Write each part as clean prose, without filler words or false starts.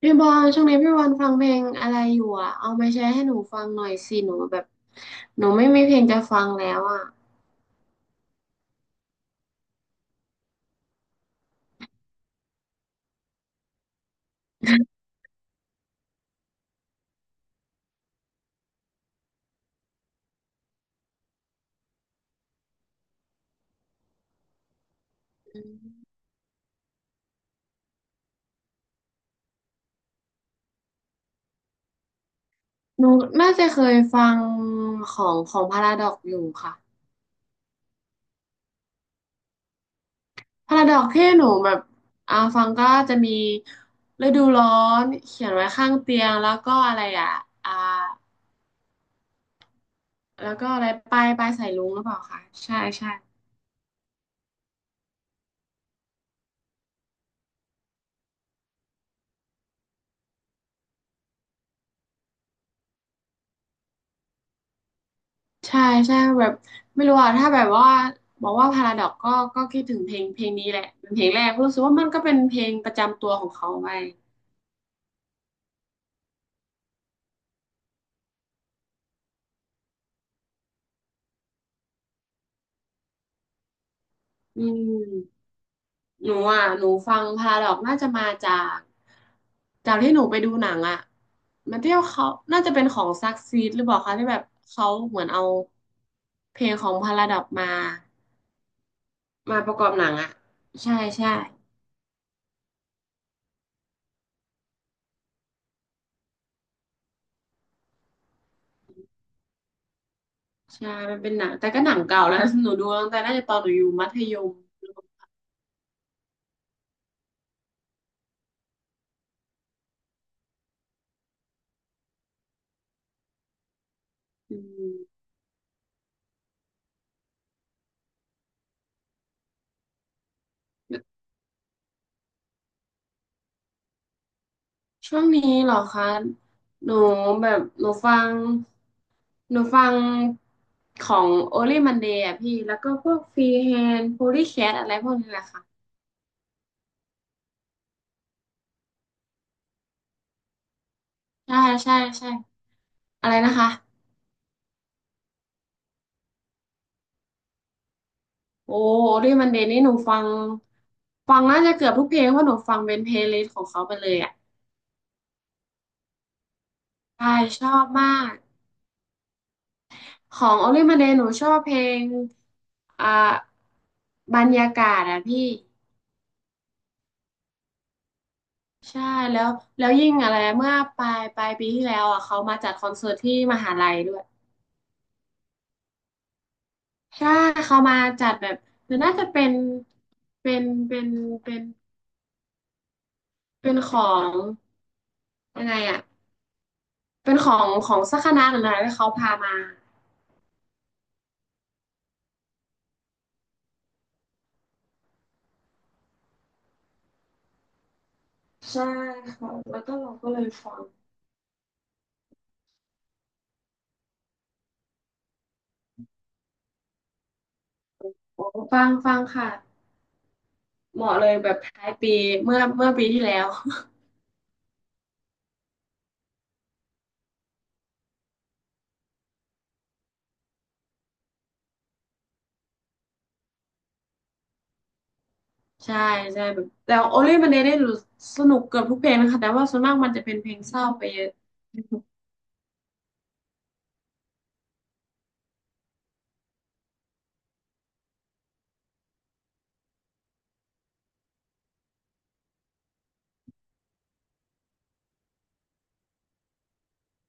พี่บอลช่วงนี้พี่บอลฟังเพลงอะไรอยู่อ่ะเอามาแชร์ให้หนูฟังหน่อยสิหนูแบบหนูไม่มีเพลงจะฟังแล้วอ่ะอืมหนูน่าจะเคยฟังของพาราดอกอยู่ค่ะพาราดอกที่หนูแบบฟังก็จะมีฤดูร้อนเขียนไว้ข้างเตียงแล้วก็อะไรอ่ะอ่าแล้วก็อะไรปลายสายรุ้งหรือเปล่าคะใช่ใช่ ใช่ใช่แบบไม่รู้อะถ้าแบบว่าบอกว่าพาราดอกก็ก็คิดถึงเพลงนี้แหละเป็นเพลงแรกรู้สึกว่ามันก็เป็นเพลงประจำตัวของเขาไปอืมหนูอ่ะหนูฟังพาราดอกน่าจะมาจากจากที่หนูไปดูหนังอะมันเที่ยวเขาน่าจะเป็นของซักซีดหรือเปล่าคะที่แบบเขาเหมือนเอาเพลงของพาราดอกมาประกอบหนังอะใช่ใช่มันเป็นหนังแต่ก็หนังเก่าแล้ว หนูดูตั้งแต่น่าจะตอนหนูอยู่มัธยมอืม ช่วงนี้เหรอคะหนูแบบหนูฟังของโอลี่มันเดยะพี่แล้วก็พวกฟรีแฮนโพลีแคทอะไรพวกนี้แหละค่ะใช่ใช่ใช่อะไรนะคะโอ้โอลี่มันเดย์นี่หนูฟังน่าจะเกือบทุกเพลงเพราะหนูฟังเป็นเพลย์ลิสต์ของเขาไปเลยอ่ะใช่ชอบมากของโอลี่มันเดยหนูชอบเพลงอ่าบรรยากาศอะพี่ ใช่แล้วยิ่งอะไรเมื่อปลายปีที่แล้วอ่ะเขามาจัดคอนเสิร์ตที่มหาลัยด้วยใช่เขามาจัดแบบมันน่าจะเป็นเป็นเป็นเป็นของยังไงอ่ะเป็นของสักคณะหรืออะไรที่เขาพามาใช่ค่ะแล้วก็เราก็เลยฟังโอ้ฟังค่ะเหมาะเลยแบบท้ายปีเมื่อปีที่แล้วใช่ใช่แบบแต่โอลี่มันเดยได้รู้สนุกเกือบทุกเพลงนะคะแต่ว่าส่วนมากมันจะเป็นเพลงเศร้าไปเยอะ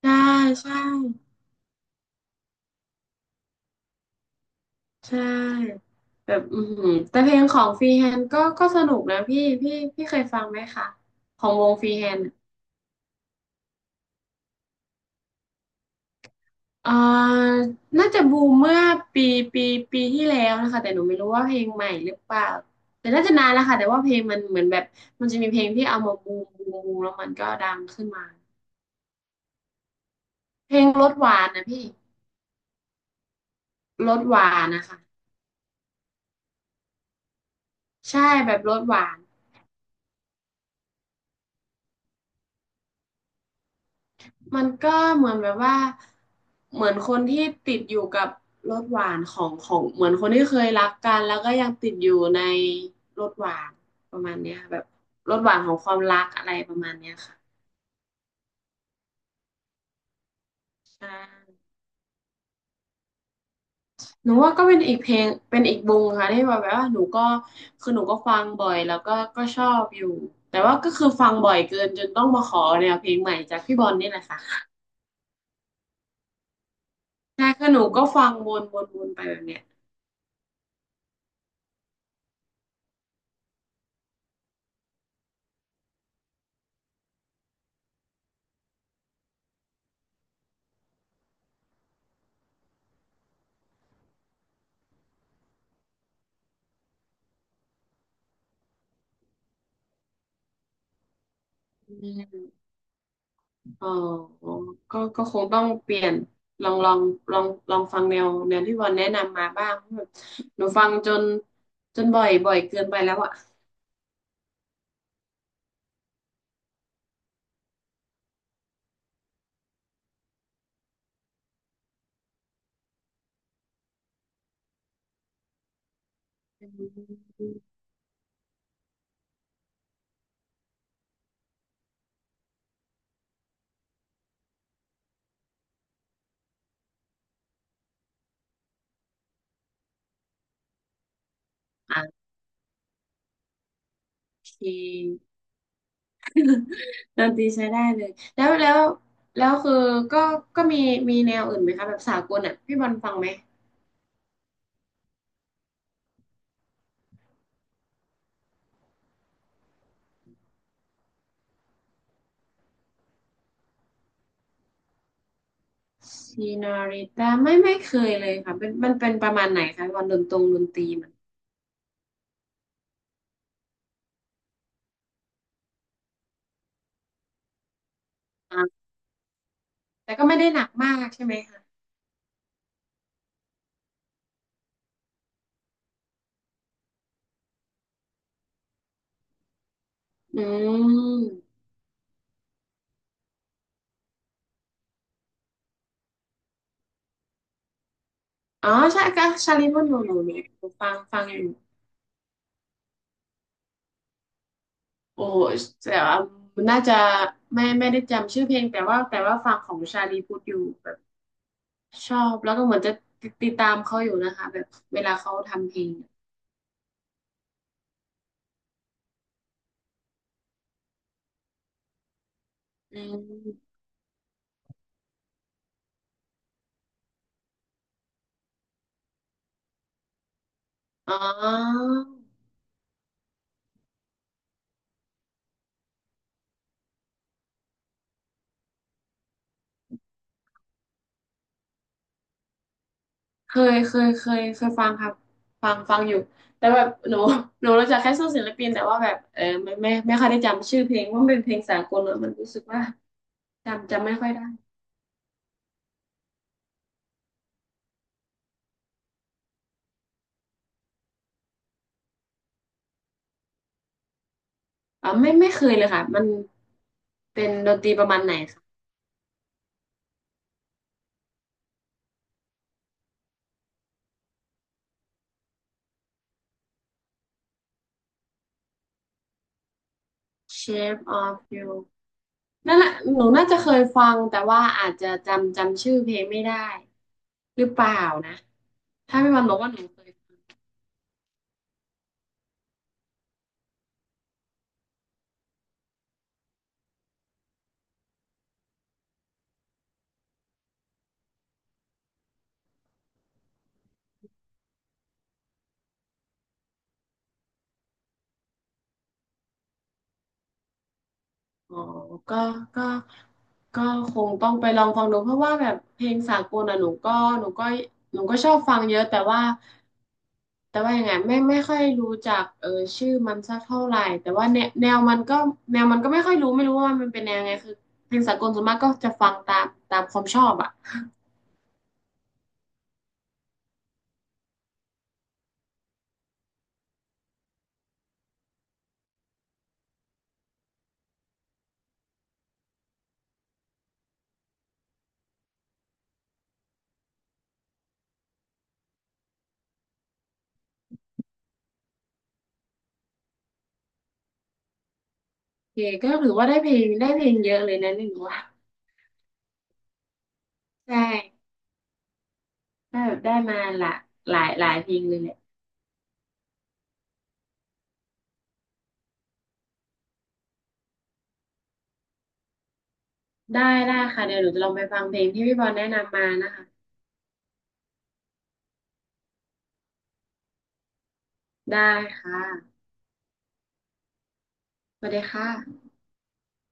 ใช่ใช่ ใช่แบบอือหือแต่เพลงของฟรีแฮนด์ก็ก็สนุกนะพี่เคยฟังไหมคะของวงฟรีแฮนด์อ่าน่าจะบูมเมื่อปีปีปีที่แล้วนะคะแต่หนูไม่รู้ว่าเพลงใหม่หรือเปล่าแต่น่าจะนานแล้วค่ะแต่ว่าเพลงมันเหมือนแบบมันจะมีเพลงที่เอามาบูมแล้วมันก็ดังขึ้นมาเพลงรสหวานนะพี่รสหวานนะคะใช่แบบรสหวาน มันก็เหมือนแบบว่าเหมือนคนที่ติดอยู่กับรสหวานของเหมือนคนที่เคยรักกันแล้วก็ยังติดอยู่ในรสหวานประมาณเนี้ยค่ะแบบรสหวานของความรักอะไรประมาณเนี้ยค่ะใช่หนูว่าก็เป็นอีกเพลงเป็นอีกวงค่ะที่แบบว่าหนูก็คือหนูก็ฟังบ่อยแล้วก็ก็ชอบอยู่แต่ว่าก็คือฟังบ่อยเกินจนต้องมาขอแนวเพลงใหม่จากพี่บอลนี่แหละค่ะใช่คือหนูก็ฟังวนไปแบบเนี้ยอืม อ๋อก็ก็คงต้องเปลี่ยนลองลองลองฟังแนวที่วันแนะนำมาบ้างแบบหนูฟังจนจนบ่อยเกินไปแล้วอ่ะอืมโอเคดนตรีใช้ได้เลยแล้วแล้วแล้วคือก็ก็มีมีแนวอื่นไหมคะแบบสากลอ่ะพี่บอลฟังไหมซีนาริตาไม่เคยเลยค่ะเป็นมันเป็นประมาณไหนคะวันดนตรงดนตรีมันอ่าแต่ก็ไม่ได้หนักมากใช่ไหมคะอืม อ๋อใช่ก็ชาลีมอนโนโนเนี่ยฟังอยู่โอ้แต่ว่ามันน่าจะไม่ได้จำชื่อเพลงแต่ว่าแต่ว่าฟังของชาลีพูดอยู่แบบชอบแล้วก็เหมือนจะติดตามเขาอยู่นะคะแบบเวลาเขาทำเพลงอืมอ๋อเคยฟังครับฟังอยู่แต่แบบหนูหนูรู้จักแค่ชื่อศิลปินแต่ว่าแบบไม่ค่อยได้จำชื่อเพลงว่ามันเป็นเพลงสากลเนอะมันรู้สึกว่าจำไม่ค่อยได้ ไม่เคยเลยค่ะมันเป็นดนตรีประมาณไหนคะ Shape of You นั่นแหละหนูน่าจะเคยฟังแต่ว่าอาจจะจำชื่อเพลงไม่ได้หรือเปล่านะถ้าพี่วันบอกว่าหนูเคยอ๋อก็ก็ก็คงต้องไปลองฟังดูเพราะว่าแบบเพลงสากลอ่ะหนูก็หนูก็ชอบฟังเยอะแต่ว่า แต่ว่ายังไงไม่ค่อยรู้จักชื่อมันสักเท่าไหร่แต่ว่าแนวมันก็แนวมันก็ไม่ค่อยรู้ไม่รู้ว่ามันเป็นแนวไงคือเพลงสากลส่วนมากก็จะฟังตามความชอบอ่ะโอเคก็ถือว่าได้เพลงเยอะเลยนะนี่หนูว่าใช่ได้แบบได้มาหลายเพลงเลยแหละได้ได้ค่ะเดี๋ยวหนูจะลองไปฟังเพลงที่พี่บอลแนะนำมานะคะได้ค่ะสวัสดีค่ะ